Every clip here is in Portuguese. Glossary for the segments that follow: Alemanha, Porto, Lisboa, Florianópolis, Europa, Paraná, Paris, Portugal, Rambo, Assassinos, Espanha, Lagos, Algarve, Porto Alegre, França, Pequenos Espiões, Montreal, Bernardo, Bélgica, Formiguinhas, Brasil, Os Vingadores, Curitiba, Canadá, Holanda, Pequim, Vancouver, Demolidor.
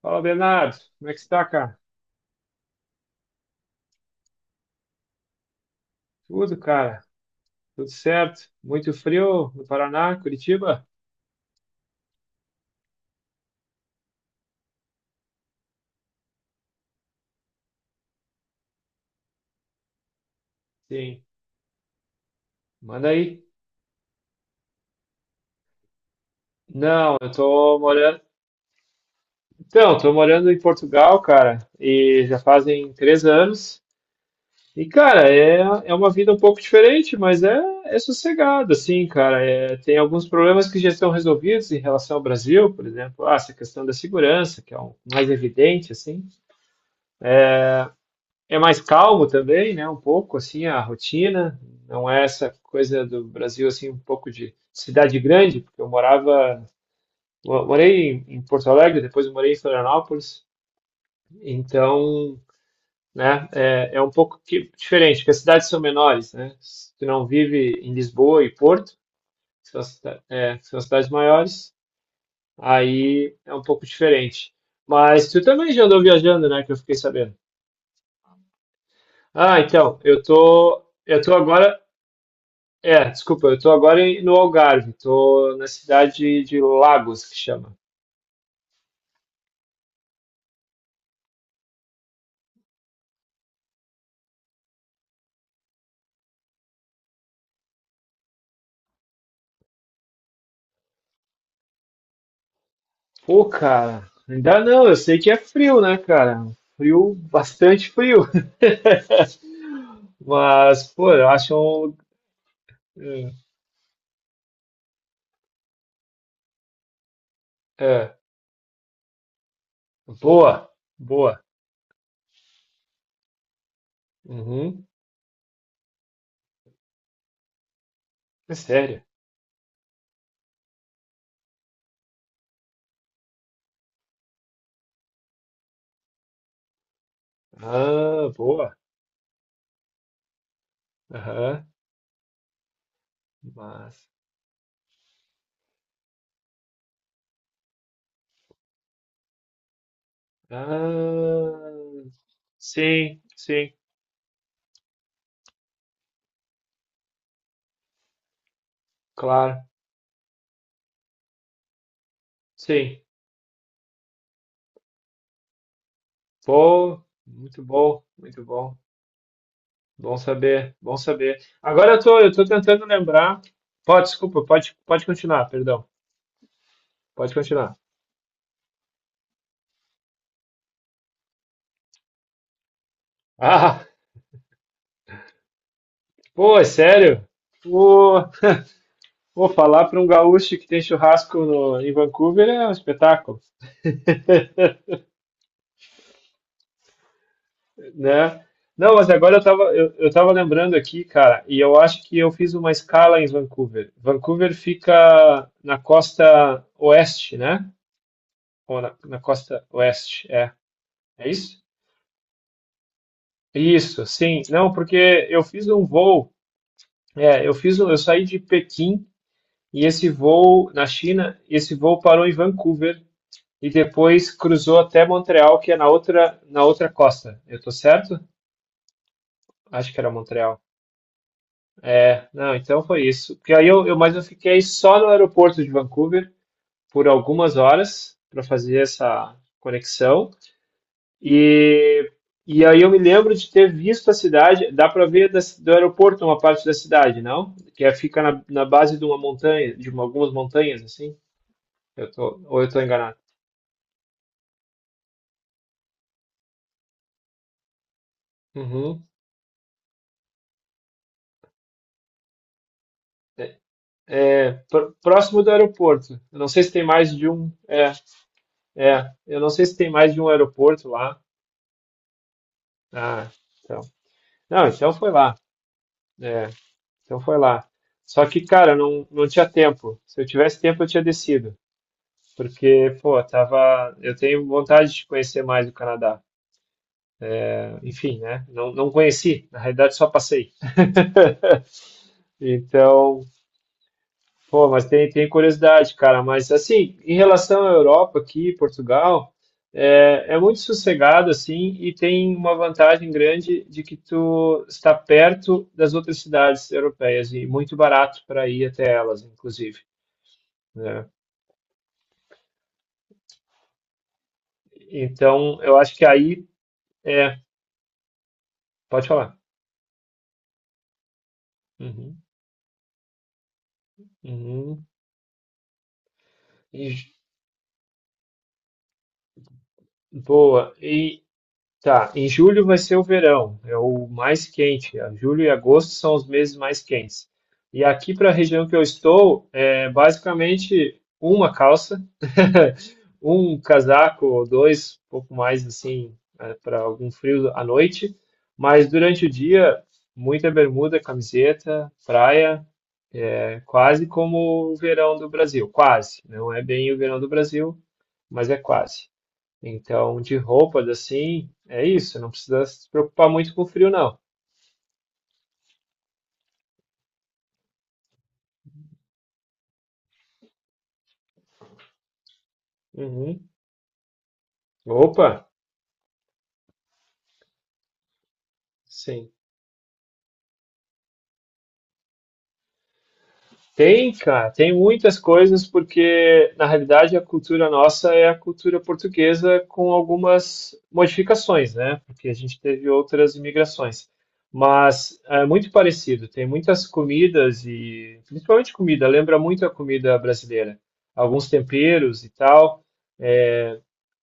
Fala, Bernardo. Como é que está, cara? Tudo, cara. Tudo certo. Muito frio no Paraná, Curitiba? Sim. Manda aí. Não, eu tô morando. Então, tô morando em Portugal, cara, e já fazem 3 anos. E, cara, é uma vida um pouco diferente, mas é sossegado, assim, cara. É, tem alguns problemas que já estão resolvidos em relação ao Brasil, por exemplo, ah, essa questão da segurança, que é o mais evidente, assim. É mais calmo também, né? Um pouco assim a rotina, não é essa coisa do Brasil assim um pouco de cidade grande, porque eu morava, morei em Porto Alegre, depois eu morei em Florianópolis, então, né? É um pouco que, diferente, porque as cidades são menores, né? Se tu não vive em Lisboa e Porto, que são, que são as cidades maiores, aí é um pouco diferente. Mas tu também já andou viajando, né? Que eu fiquei sabendo. Ah, então, eu tô agora. Desculpa, eu tô agora no Algarve, tô na cidade de Lagos, que chama. Pô, cara, ainda não, eu sei que é frio, né, cara? Frio, bastante frio. Mas, pô, eu acho um. É, é, Boa, boa. Uhum, é sério. Ah, boa. Aham, mas. Ah, sim, sim, claro. Sim, pô, muito bom, muito bom. Bom saber, bom saber. Agora eu tô tentando lembrar. Pode, desculpa, pode continuar, perdão. Pode continuar. Ah, pô, é sério? Pô, pô, falar para um gaúcho que tem churrasco no, em Vancouver é um espetáculo, né? Não, mas agora eu tava lembrando aqui, cara, e eu acho que eu fiz uma escala em Vancouver. Vancouver fica na costa oeste, né? Ou na costa oeste, é. É isso? Isso, sim. Não, porque eu fiz um voo. É, eu saí de Pequim e esse voo na China, esse voo parou em Vancouver e depois cruzou até Montreal, que é na outra costa. Eu tô certo? Acho que era Montreal. Não, então foi isso. Porque aí mas eu fiquei só no aeroporto de Vancouver por algumas horas para fazer essa conexão. E, e aí eu me lembro de ter visto a cidade. Dá para ver do aeroporto uma parte da cidade, não? Que é, fica na base de uma montanha, algumas montanhas assim. Eu tô, ou eu estou enganado. Uhum. É, Próximo do aeroporto. Eu não sei se tem mais de um. É, é. Eu não sei se tem mais de um aeroporto lá. Ah, então. Não, então foi lá. É, então foi lá. Só que, cara, não, não tinha tempo. Se eu tivesse tempo, eu tinha descido. Porque, pô, tava. Eu tenho vontade de conhecer mais o Canadá. É, enfim, né? Não, não conheci. Na realidade, só passei. Então, pô, mas tem curiosidade, cara. Mas assim, em relação à Europa aqui, Portugal, é muito sossegado assim e tem uma vantagem grande de que tu está perto das outras cidades europeias e muito barato para ir até elas, inclusive, né? Então, eu acho que aí é, pode falar. Uhum, uhum. E, boa. Tá, em julho vai ser o verão, é o mais quente. A Julho e agosto são os meses mais quentes. E aqui para a região que eu estou, é basicamente uma calça, um casaco ou dois, um pouco mais assim, para algum frio à noite. Mas durante o dia, muita bermuda, camiseta, praia, é quase como o verão do Brasil. Quase, não é bem o verão do Brasil, mas é quase. Então, de roupas assim, é isso, não precisa se preocupar muito com frio, não. Uhum. Opa, sim. Tem, cara, tem muitas coisas, porque na realidade a cultura nossa é a cultura portuguesa com algumas modificações, né? Porque a gente teve outras imigrações. Mas é muito parecido, tem muitas comidas e principalmente comida, lembra muito a comida brasileira. Alguns temperos e tal.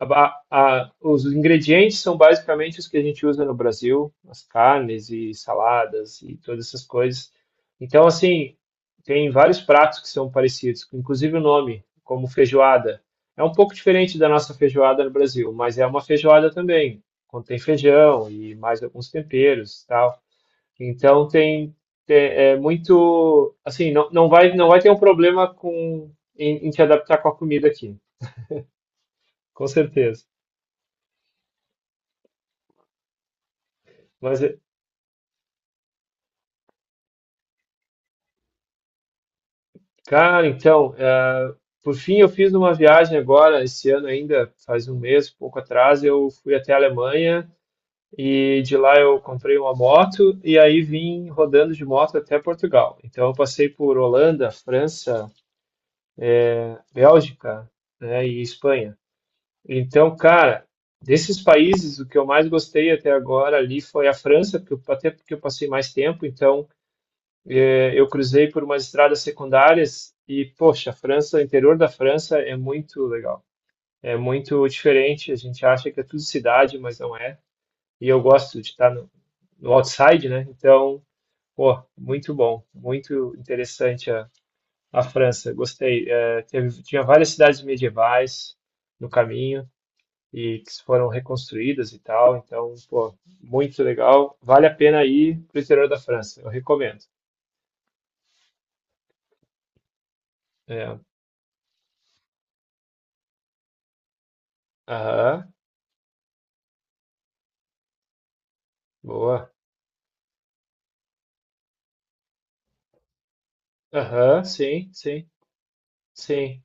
Os ingredientes são basicamente os que a gente usa no Brasil, as carnes e saladas e todas essas coisas. Então, assim, tem vários pratos que são parecidos, inclusive o nome, como feijoada. É um pouco diferente da nossa feijoada no Brasil, mas é uma feijoada também. Contém feijão e mais alguns temperos, e tal. Então tem, é muito, assim, não, não vai ter um problema com em te adaptar com a comida aqui, com certeza. Mas cara, então, por fim, eu fiz uma viagem agora, esse ano ainda, faz um mês, pouco atrás, eu fui até a Alemanha e de lá eu comprei uma moto e aí vim rodando de moto até Portugal. Então, eu passei por Holanda, França, Bélgica, né, e Espanha. Então, cara, desses países, o que eu mais gostei até agora ali foi a França, porque até porque eu passei mais tempo, então. Eu cruzei por umas estradas secundárias e, poxa, a França, o interior da França é muito legal. É muito diferente, a gente acha que é tudo cidade, mas não é. E eu gosto de estar no outside, né? Então, pô, muito bom, muito interessante a França, gostei. É, teve, tinha várias cidades medievais no caminho e que foram reconstruídas e tal, então, pô, muito legal. Vale a pena ir pro interior da França, eu recomendo. É, aham, boa. Aham, sim, sim, sim.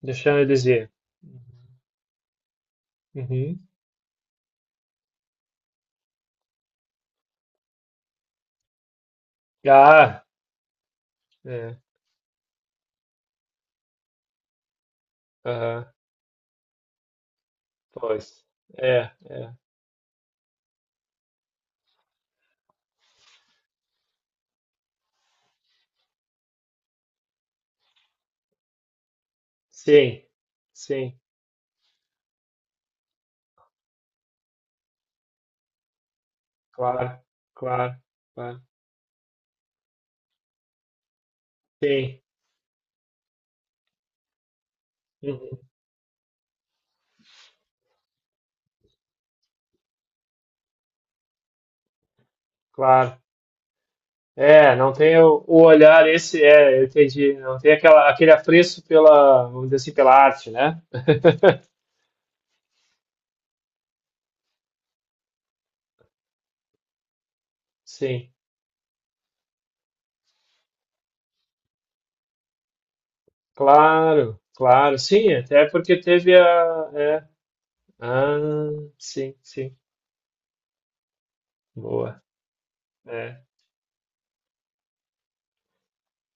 Deixando eu dizer. Uhum. Ah, é, aham, pois. É, é. Sim, sim, claro, claro, claro. Sim, uhum, claro. É, não tem o olhar esse, é, eu entendi. Não tem aquela, aquele apreço pela, vamos dizer assim, pela arte, né? Sim, claro, claro. Sim, até porque teve a. É, ah, sim, sim. Boa. É.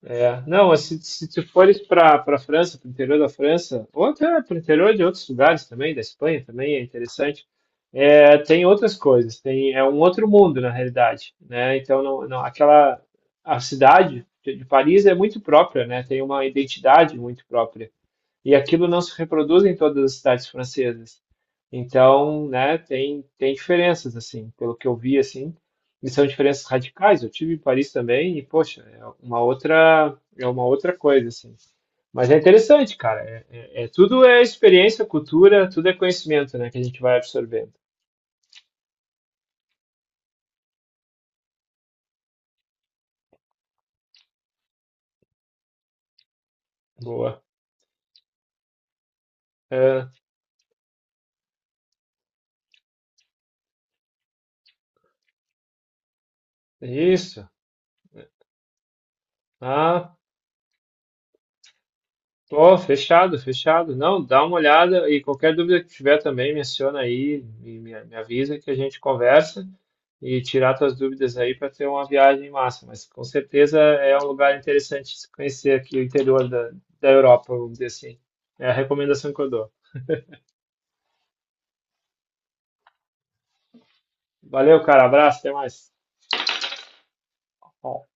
É, não, se tu fores para França, para o interior da França, ou até para o interior de outros lugares também, da Espanha também é interessante, é, tem outras coisas, tem, é um outro mundo na realidade, né? Então, não, não, aquela, a cidade de Paris é muito própria, né? Tem uma identidade muito própria, e aquilo não se reproduz em todas as cidades francesas. Então, né, tem, diferenças, assim, pelo que eu vi, assim, e são diferenças radicais. Eu tive em Paris também e, poxa, é uma outra coisa, assim. Mas é interessante, cara. Tudo é experiência, cultura, tudo é conhecimento, né, que a gente vai absorvendo. Boa. É, é isso. Ah, pô, fechado, fechado. Não, dá uma olhada e qualquer dúvida que tiver também, menciona aí e me avisa que a gente conversa e tirar tuas dúvidas aí para ter uma viagem massa. Mas com certeza é um lugar interessante de se conhecer aqui o interior da Europa, vamos dizer assim. É a recomendação que eu dou. Valeu, cara. Abraço, até mais. Ó,